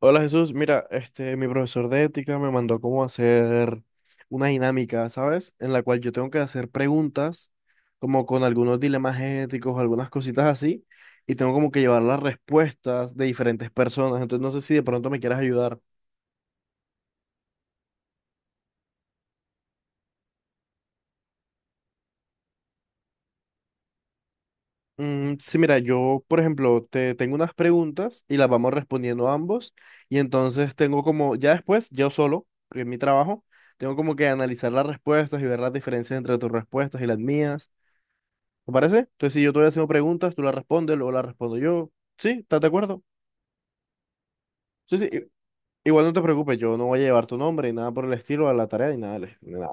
Hola Jesús, mira, mi profesor de ética me mandó cómo hacer una dinámica, ¿sabes? En la cual yo tengo que hacer preguntas, como con algunos dilemas éticos, algunas cositas así, y tengo como que llevar las respuestas de diferentes personas. Entonces no sé si de pronto me quieras ayudar. Mm, sí, mira, yo, por ejemplo, te tengo unas preguntas y las vamos respondiendo ambos, y entonces tengo como, ya después, yo solo, porque es mi trabajo, tengo como que analizar las respuestas y ver las diferencias entre tus respuestas y las mías. ¿Te parece? Entonces, si yo te voy haciendo preguntas, tú las respondes, luego las respondo yo. ¿Sí? ¿Estás de acuerdo? Sí, sí. Igual no te preocupes, yo no voy a llevar tu nombre ni nada por el estilo a la tarea ni nada. Ni nada.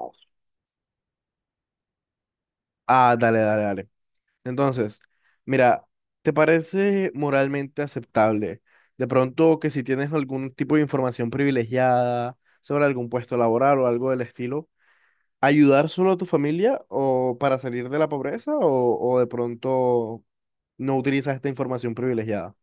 Ah, dale, dale, dale. Entonces, mira, ¿te parece moralmente aceptable? De pronto que si tienes algún tipo de información privilegiada sobre algún puesto laboral o algo del estilo, ayudar solo a tu familia o para salir de la pobreza o de pronto no utilizas esta información privilegiada.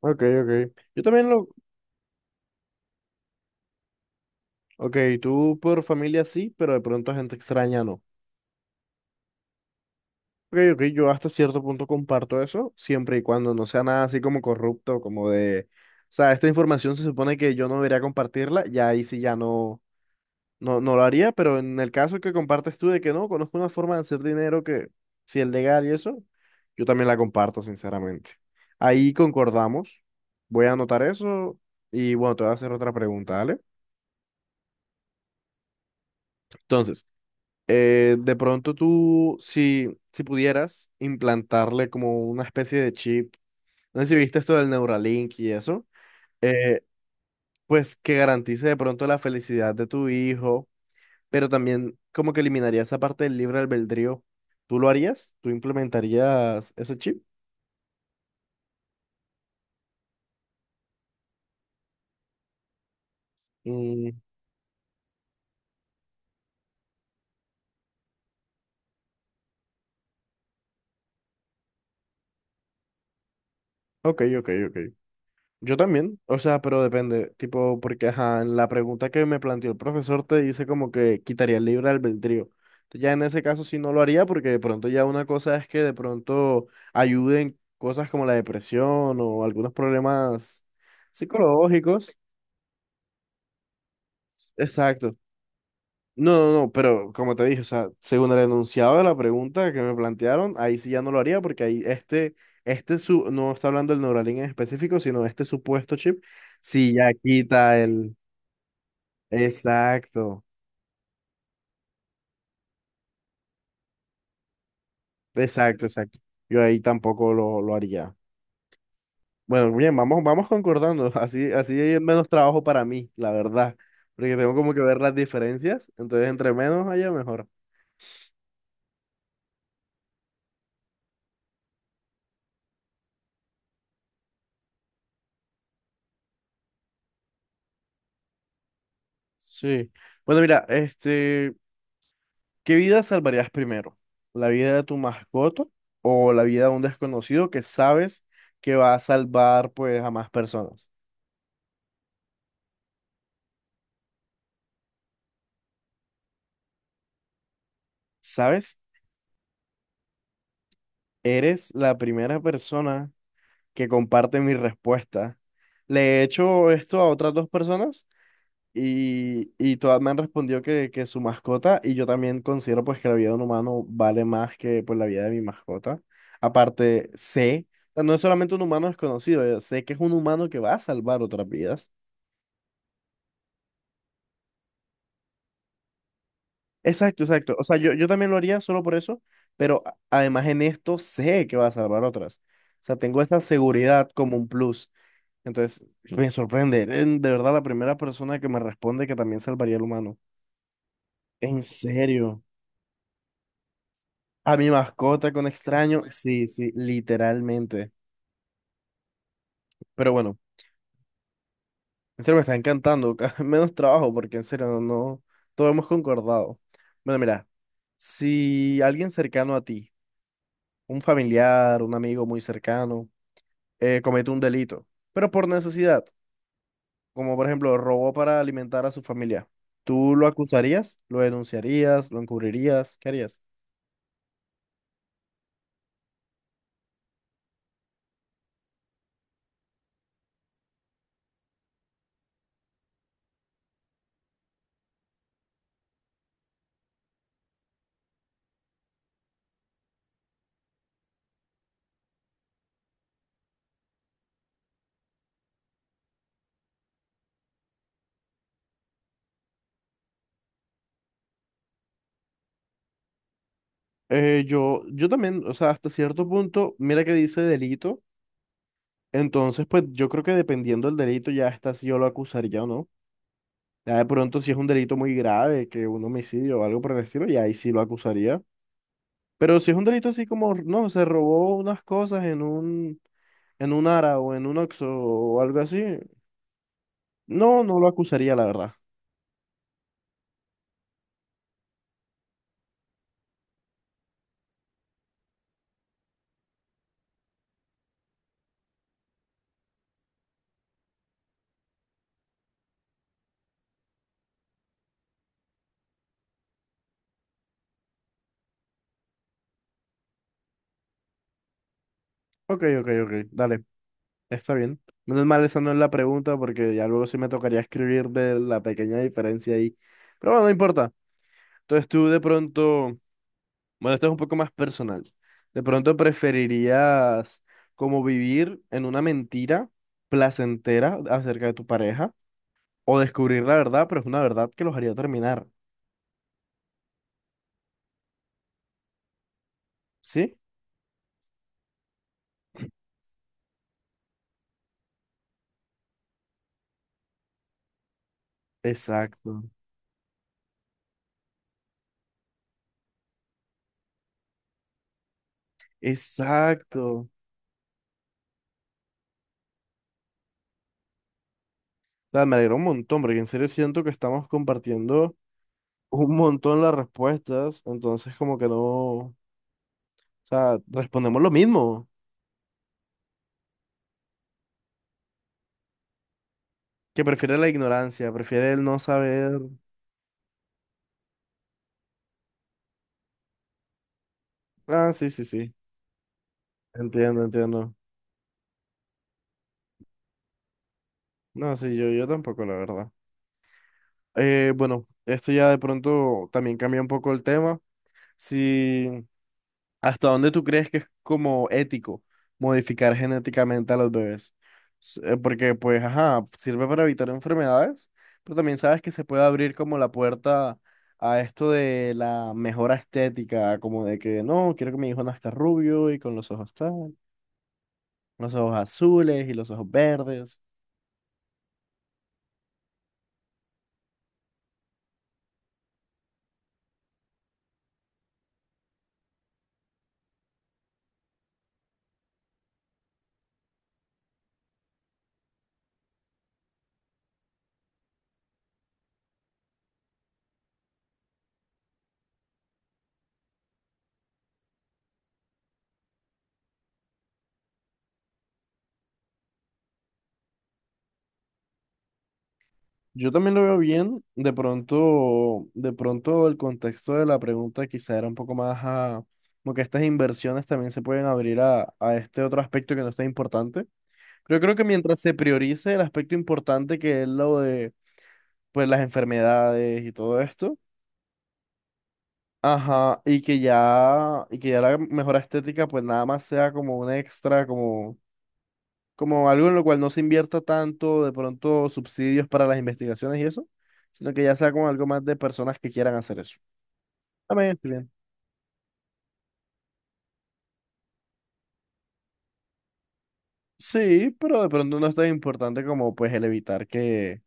Ok, ok. Yo también lo, Ok, tú por familia sí, pero de pronto a gente extraña no. Ok, ok, yo hasta cierto punto comparto eso, siempre y cuando no sea nada así como corrupto, como de... O sea, esta información se supone que yo no debería compartirla, ya ahí sí ya no, no lo haría, pero en el caso que compartes tú de que no, conozco una forma de hacer dinero que si es legal y eso, yo también la comparto, sinceramente. Ahí concordamos, voy a anotar eso y bueno, te voy a hacer otra pregunta, ¿vale? Entonces... de pronto tú, si pudieras implantarle como una especie de chip, no sé si viste esto del Neuralink y eso, eh, pues que garantice de pronto la felicidad de tu hijo, pero también como que eliminaría esa parte del libre albedrío, ¿tú lo harías? ¿Tú implementarías ese chip? Mm, ok, ok, ok. Yo también, o sea, pero depende, tipo, porque ajá, en la pregunta que me planteó el profesor te dice como que quitaría el libre albedrío. Entonces, ya en ese caso sí no lo haría porque de pronto ya una cosa es que de pronto ayuden cosas como la depresión o algunos problemas psicológicos. Exacto. No, no, no, pero como te dije, o sea, según el enunciado de la pregunta que me plantearon, ahí sí ya no lo haría porque ahí no está hablando del Neuralink en específico, sino este supuesto chip, sí ya quita el... Exacto, exacto, exacto. Yo ahí tampoco lo haría. Bueno, bien, vamos concordando. Así hay menos trabajo para mí, la verdad. Porque tengo como que ver las diferencias. Entonces, entre menos haya, mejor. Sí. Bueno, mira, ¿qué vida salvarías primero? ¿La vida de tu mascota o la vida de un desconocido que sabes que va a salvar pues a más personas? ¿Sabes? Eres la primera persona que comparte mi respuesta. Le he hecho esto a otras dos personas y todas me han respondido que su mascota y yo también considero pues que la vida de un humano vale más que pues la vida de mi mascota. Aparte, sé, o sea, no es solamente un humano desconocido, sé que es un humano que va a salvar otras vidas. Exacto, exacto. O sea, yo también lo haría solo por eso, pero además en esto sé que va a salvar otras. O sea, tengo esa seguridad como un plus. Entonces, me sorprende. Eres de verdad la primera persona que me responde que también salvaría al humano. En serio. A mi mascota con extraño. Sí, sí, literalmente. Pero bueno, en serio me está encantando. Menos trabajo porque en serio no, no. Todo hemos concordado. Bueno, mira, si alguien cercano a ti, un familiar, un amigo muy cercano, comete un delito, pero por necesidad. Como por ejemplo robó para alimentar a su familia, ¿tú lo acusarías? ¿Lo denunciarías? ¿Lo encubrirías? ¿Qué harías? Yo también, o sea, hasta cierto punto, mira que dice delito, entonces pues yo creo que dependiendo del delito ya está si yo lo acusaría o no. Ya de pronto si es un delito muy grave, que un homicidio o algo por el estilo, ya ahí sí lo acusaría. Pero si es un delito así como, no, se robó unas cosas en un Ara o en un Oxxo o algo así, no, no lo acusaría, la verdad. Ok, ok, ok, dale. Está bien. Menos mal, esa no es la pregunta porque ya luego sí me tocaría escribir de la pequeña diferencia ahí. Pero bueno, no importa. Entonces tú de pronto, bueno, esto es un poco más personal. De pronto preferirías como vivir en una mentira placentera acerca de tu pareja o descubrir la verdad, pero es una verdad que los haría terminar. ¿Sí? Exacto. Exacto. O sea, me alegra un montón porque en serio siento que estamos compartiendo un montón las respuestas, entonces como que no... O sea, respondemos lo mismo, que prefiere la ignorancia, prefiere el no saber. Ah, sí, sí, sí. Entiendo, entiendo. No, sí, yo tampoco, la verdad. Bueno, esto ya de pronto también cambia un poco el tema. Si ¿hasta dónde tú crees que es como ético modificar genéticamente a los bebés? Porque, pues, ajá, sirve para evitar enfermedades, pero también sabes que se puede abrir como la puerta a esto de la mejora estética, como de que no, quiero que mi hijo nazca rubio y con los ojos tal, los ojos azules y los ojos verdes. Yo también lo veo bien. De pronto el contexto de la pregunta quizá era un poco más a, como que estas inversiones también se pueden abrir a este otro aspecto que no está importante. Pero yo creo que mientras se priorice el aspecto importante que es lo de pues las enfermedades y todo esto, ajá, y que ya la mejora estética pues nada más sea como un extra, como algo en lo cual no se invierta tanto de pronto subsidios para las investigaciones y eso, sino que ya sea como algo más de personas que quieran hacer eso. También estoy bien. Sí, pero de pronto no es tan importante como pues el evitar que...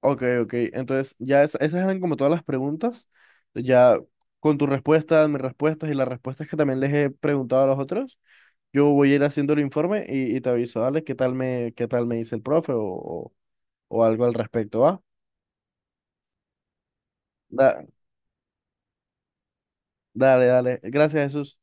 Ok, ok, entonces ya esas eran como todas las preguntas, ya con tu respuesta, mis respuestas y las respuestas que también les he preguntado a los otros, yo voy a ir haciendo el informe y te aviso, dale, qué tal me dice el profe o algo al respecto, ¿va? Da- dale, dale, gracias Jesús.